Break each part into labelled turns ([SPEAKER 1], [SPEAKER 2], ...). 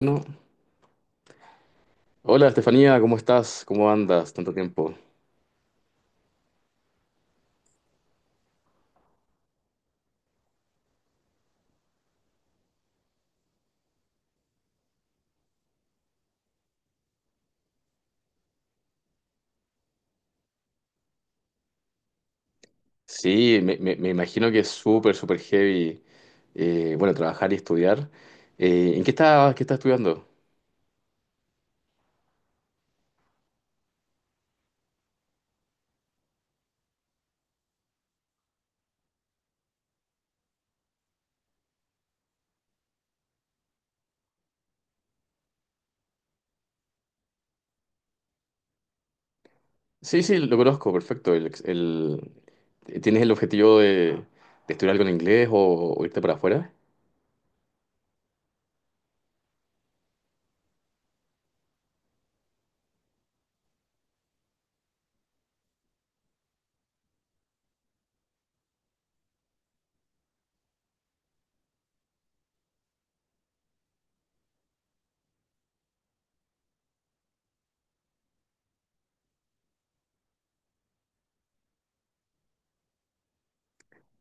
[SPEAKER 1] No. Hola Estefanía, ¿cómo estás? ¿Cómo andas? Tanto tiempo. Sí, me imagino que es súper, súper heavy, bueno, trabajar y estudiar. ¿ qué estás estudiando? Sí, sí, lo conozco, perfecto. ¿Tienes el objetivo de estudiar algo en inglés o irte para afuera?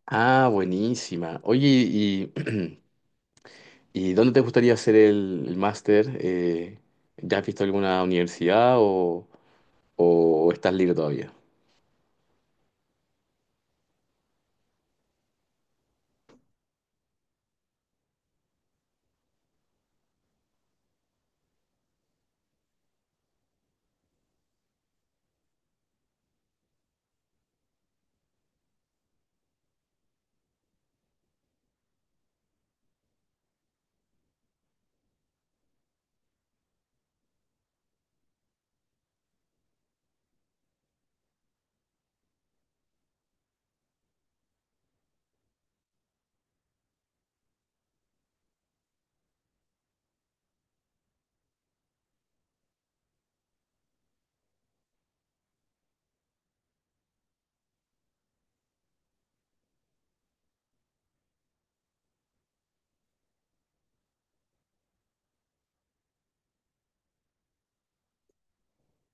[SPEAKER 1] Ah, buenísima. Oye, ¿y, y dónde te gustaría hacer el máster? ¿Ya has visto alguna universidad o estás libre todavía?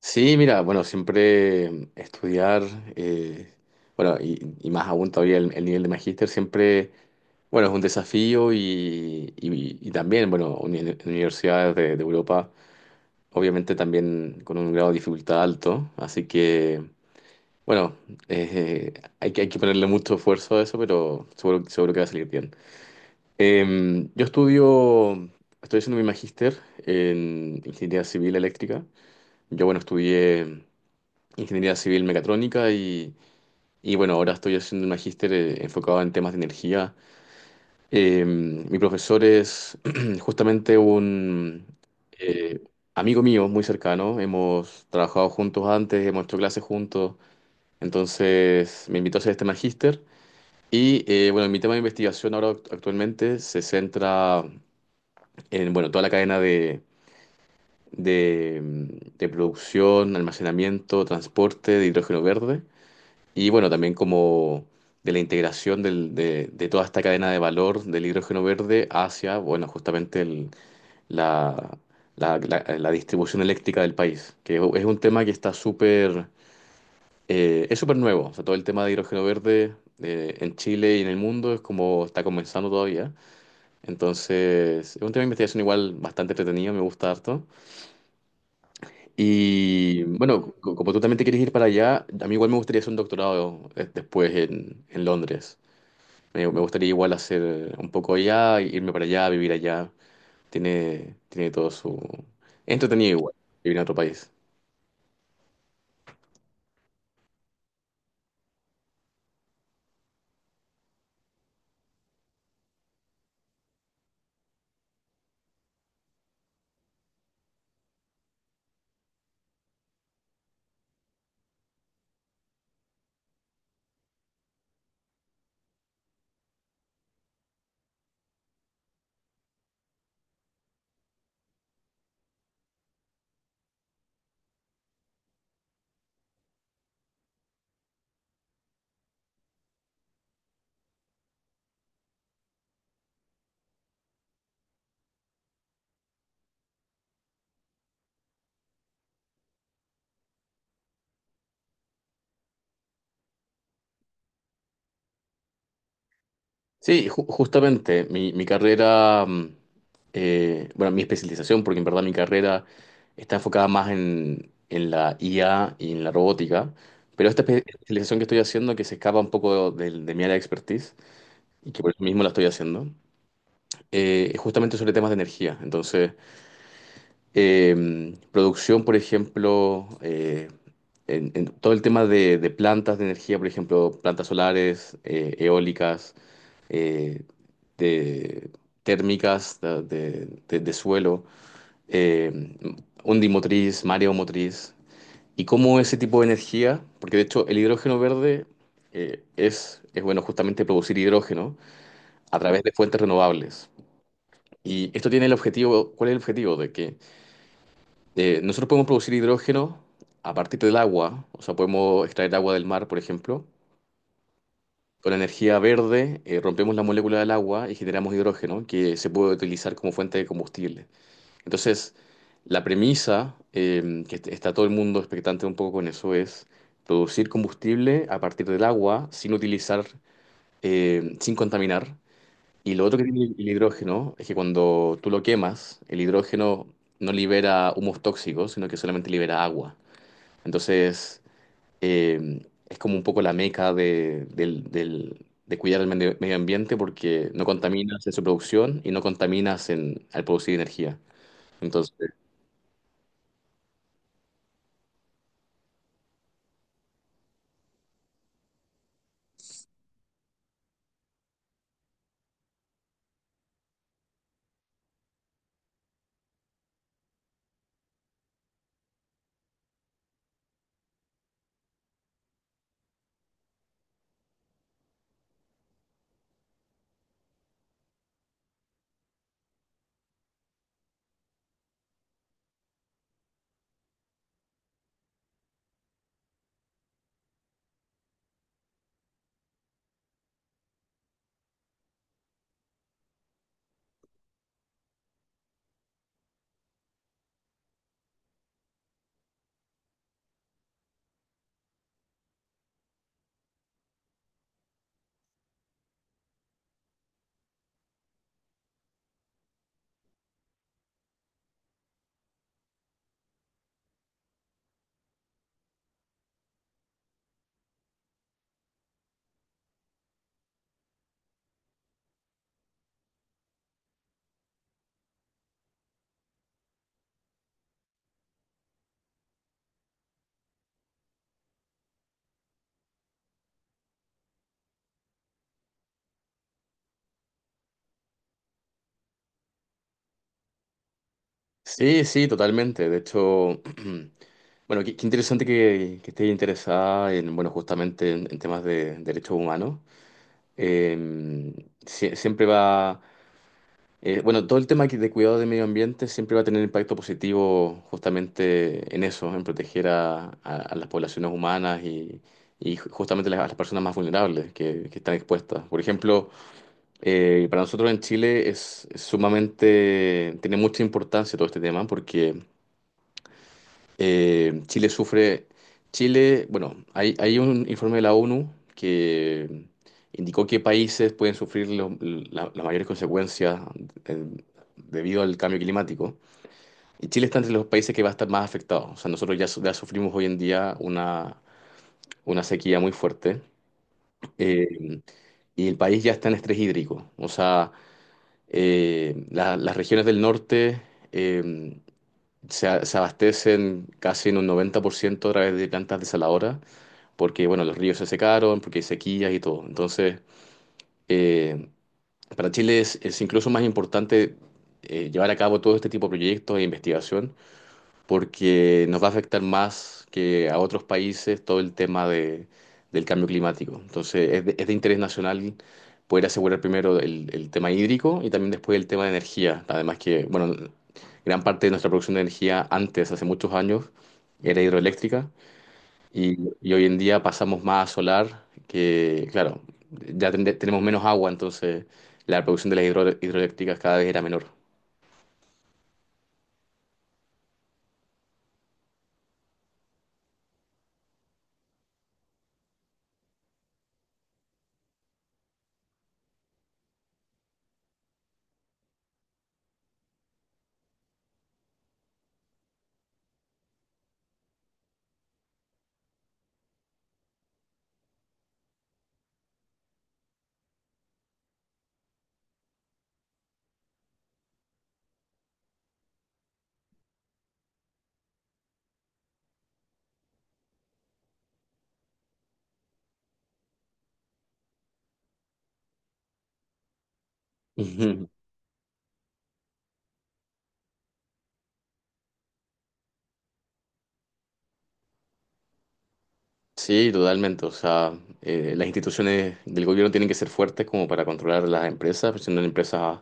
[SPEAKER 1] Sí, mira, bueno, siempre estudiar, eh, bueno, y más aún todavía el nivel de magíster, siempre, bueno, es un desafío y también, bueno, en universidades de Europa, obviamente también con un grado de dificultad alto, así que, bueno, eh, hay que ponerle mucho esfuerzo a eso, pero seguro, seguro que va a salir bien. Yo estudio, estoy haciendo mi magíster en ingeniería civil eléctrica. Yo, bueno, estudié ingeniería civil mecatrónica bueno, ahora estoy haciendo un magíster enfocado en temas de energía. Mi profesor es justamente un eh, amigo mío muy cercano, hemos trabajado juntos antes, hemos hecho clases juntos, entonces me invitó a hacer este magíster. Y bueno, mi tema de investigación ahora actualmente se centra en bueno, toda la cadena de, de producción, almacenamiento, transporte de hidrógeno verde. Y bueno, también como de la integración de toda esta cadena de valor del hidrógeno verde hacia, bueno, justamente la, la distribución eléctrica del país, que es un tema que está súper, es súper nuevo. O sea, todo el tema de hidrógeno verde en Chile y en el mundo es como está comenzando todavía. Entonces, es un tema de investigación igual bastante entretenido, me gusta harto. Y bueno, como tú también te quieres ir para allá, a mí igual me gustaría hacer un doctorado después en Londres. Me gustaría igual hacer un poco allá, irme para allá, vivir allá. Tiene todo su… es entretenido igual, vivir en otro país. Sí, justamente, mi carrera, bueno, mi especialización, porque en verdad mi carrera está enfocada más en la IA y en la robótica, pero esta especialización que estoy haciendo, que se escapa un poco de mi área de expertise, y que por eso mismo la estoy haciendo, es justamente sobre temas de energía. Entonces… producción, por ejemplo, en todo el tema de plantas de energía, por ejemplo, plantas solares, eólicas, eh, de térmicas de suelo, eh, ondimotriz, mareomotriz, y cómo ese tipo de energía, porque de hecho el hidrógeno verde es, bueno, justamente producir hidrógeno a través de fuentes renovables. Y esto tiene el objetivo, ¿cuál es el objetivo? De que nosotros podemos producir hidrógeno a partir del agua, o sea, podemos extraer agua del mar, por ejemplo. Con energía verde, rompemos la molécula del agua y generamos hidrógeno que se puede utilizar como fuente de combustible. Entonces, la premisa, está todo el mundo expectante un poco con eso, es producir combustible a partir del agua sin utilizar, sin contaminar. Y lo otro que tiene el hidrógeno es que cuando tú lo quemas, el hidrógeno no libera humos tóxicos, sino que solamente libera agua. Entonces, eh, es como un poco la meca de cuidar el medio medio ambiente porque no contaminas en su producción y no contaminas en, al producir energía. Entonces, sí, sí, totalmente. De hecho, bueno, qué interesante que estés interesada en, bueno, justamente en temas de derechos humanos. Eh, siempre va… bueno, todo el tema de cuidado del medio ambiente siempre va a tener impacto positivo justamente en eso, en proteger a, a las poblaciones humanas y justamente a las personas más vulnerables que están expuestas. Por ejemplo, para nosotros en Chile es sumamente, tiene mucha importancia todo este tema porque… Chile sufre, Chile, bueno, hay un informe de la ONU que indicó que países pueden sufrir las mayores consecuencias eh, debido al cambio climático. Y Chile está entre los países que va a estar más afectado. O sea, nosotros ya, ya sufrimos hoy en día una sequía muy fuerte eh, y el país ya está en estrés hídrico. O sea, las regiones del norte… eh, se abastecen casi en un 90% a través de plantas desaladoras porque bueno, los ríos se secaron, porque hay sequías y todo. Entonces, eh, para Chile es incluso más importante llevar a cabo todo este tipo de proyectos e investigación, porque nos va a afectar más que a otros países todo el tema del cambio climático. Entonces, es de interés nacional poder asegurar primero el tema hídrico y también después el tema de energía. Además que, bueno, gran parte de nuestra producción de energía antes, hace muchos años, era hidroeléctrica y hoy en día pasamos más a solar, que claro, ya tenemos menos agua, entonces la producción de las hidroeléctricas cada vez era menor. Ujú. Sí, totalmente. O sea, las instituciones del gobierno tienen que ser fuertes como para controlar las empresas, porque si no las empresas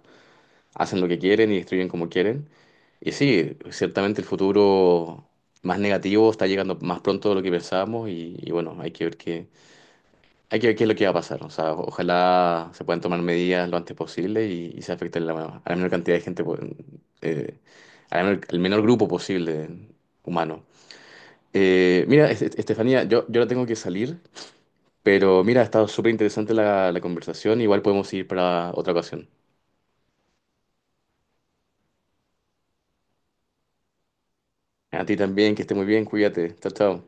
[SPEAKER 1] hacen lo que quieren y destruyen como quieren. Y sí, ciertamente el futuro más negativo está llegando más pronto de lo que pensábamos y bueno, hay que ver qué es lo que va a pasar. O sea, ojalá se puedan tomar medidas lo antes posible y se afecte la, a la menor cantidad de gente, eh, al menor grupo posible humano. Mira, Estefanía, yo ahora tengo que salir, pero mira, ha estado súper interesante la conversación. Igual podemos ir para otra ocasión. A ti también, que esté muy bien, cuídate. Chao, chao.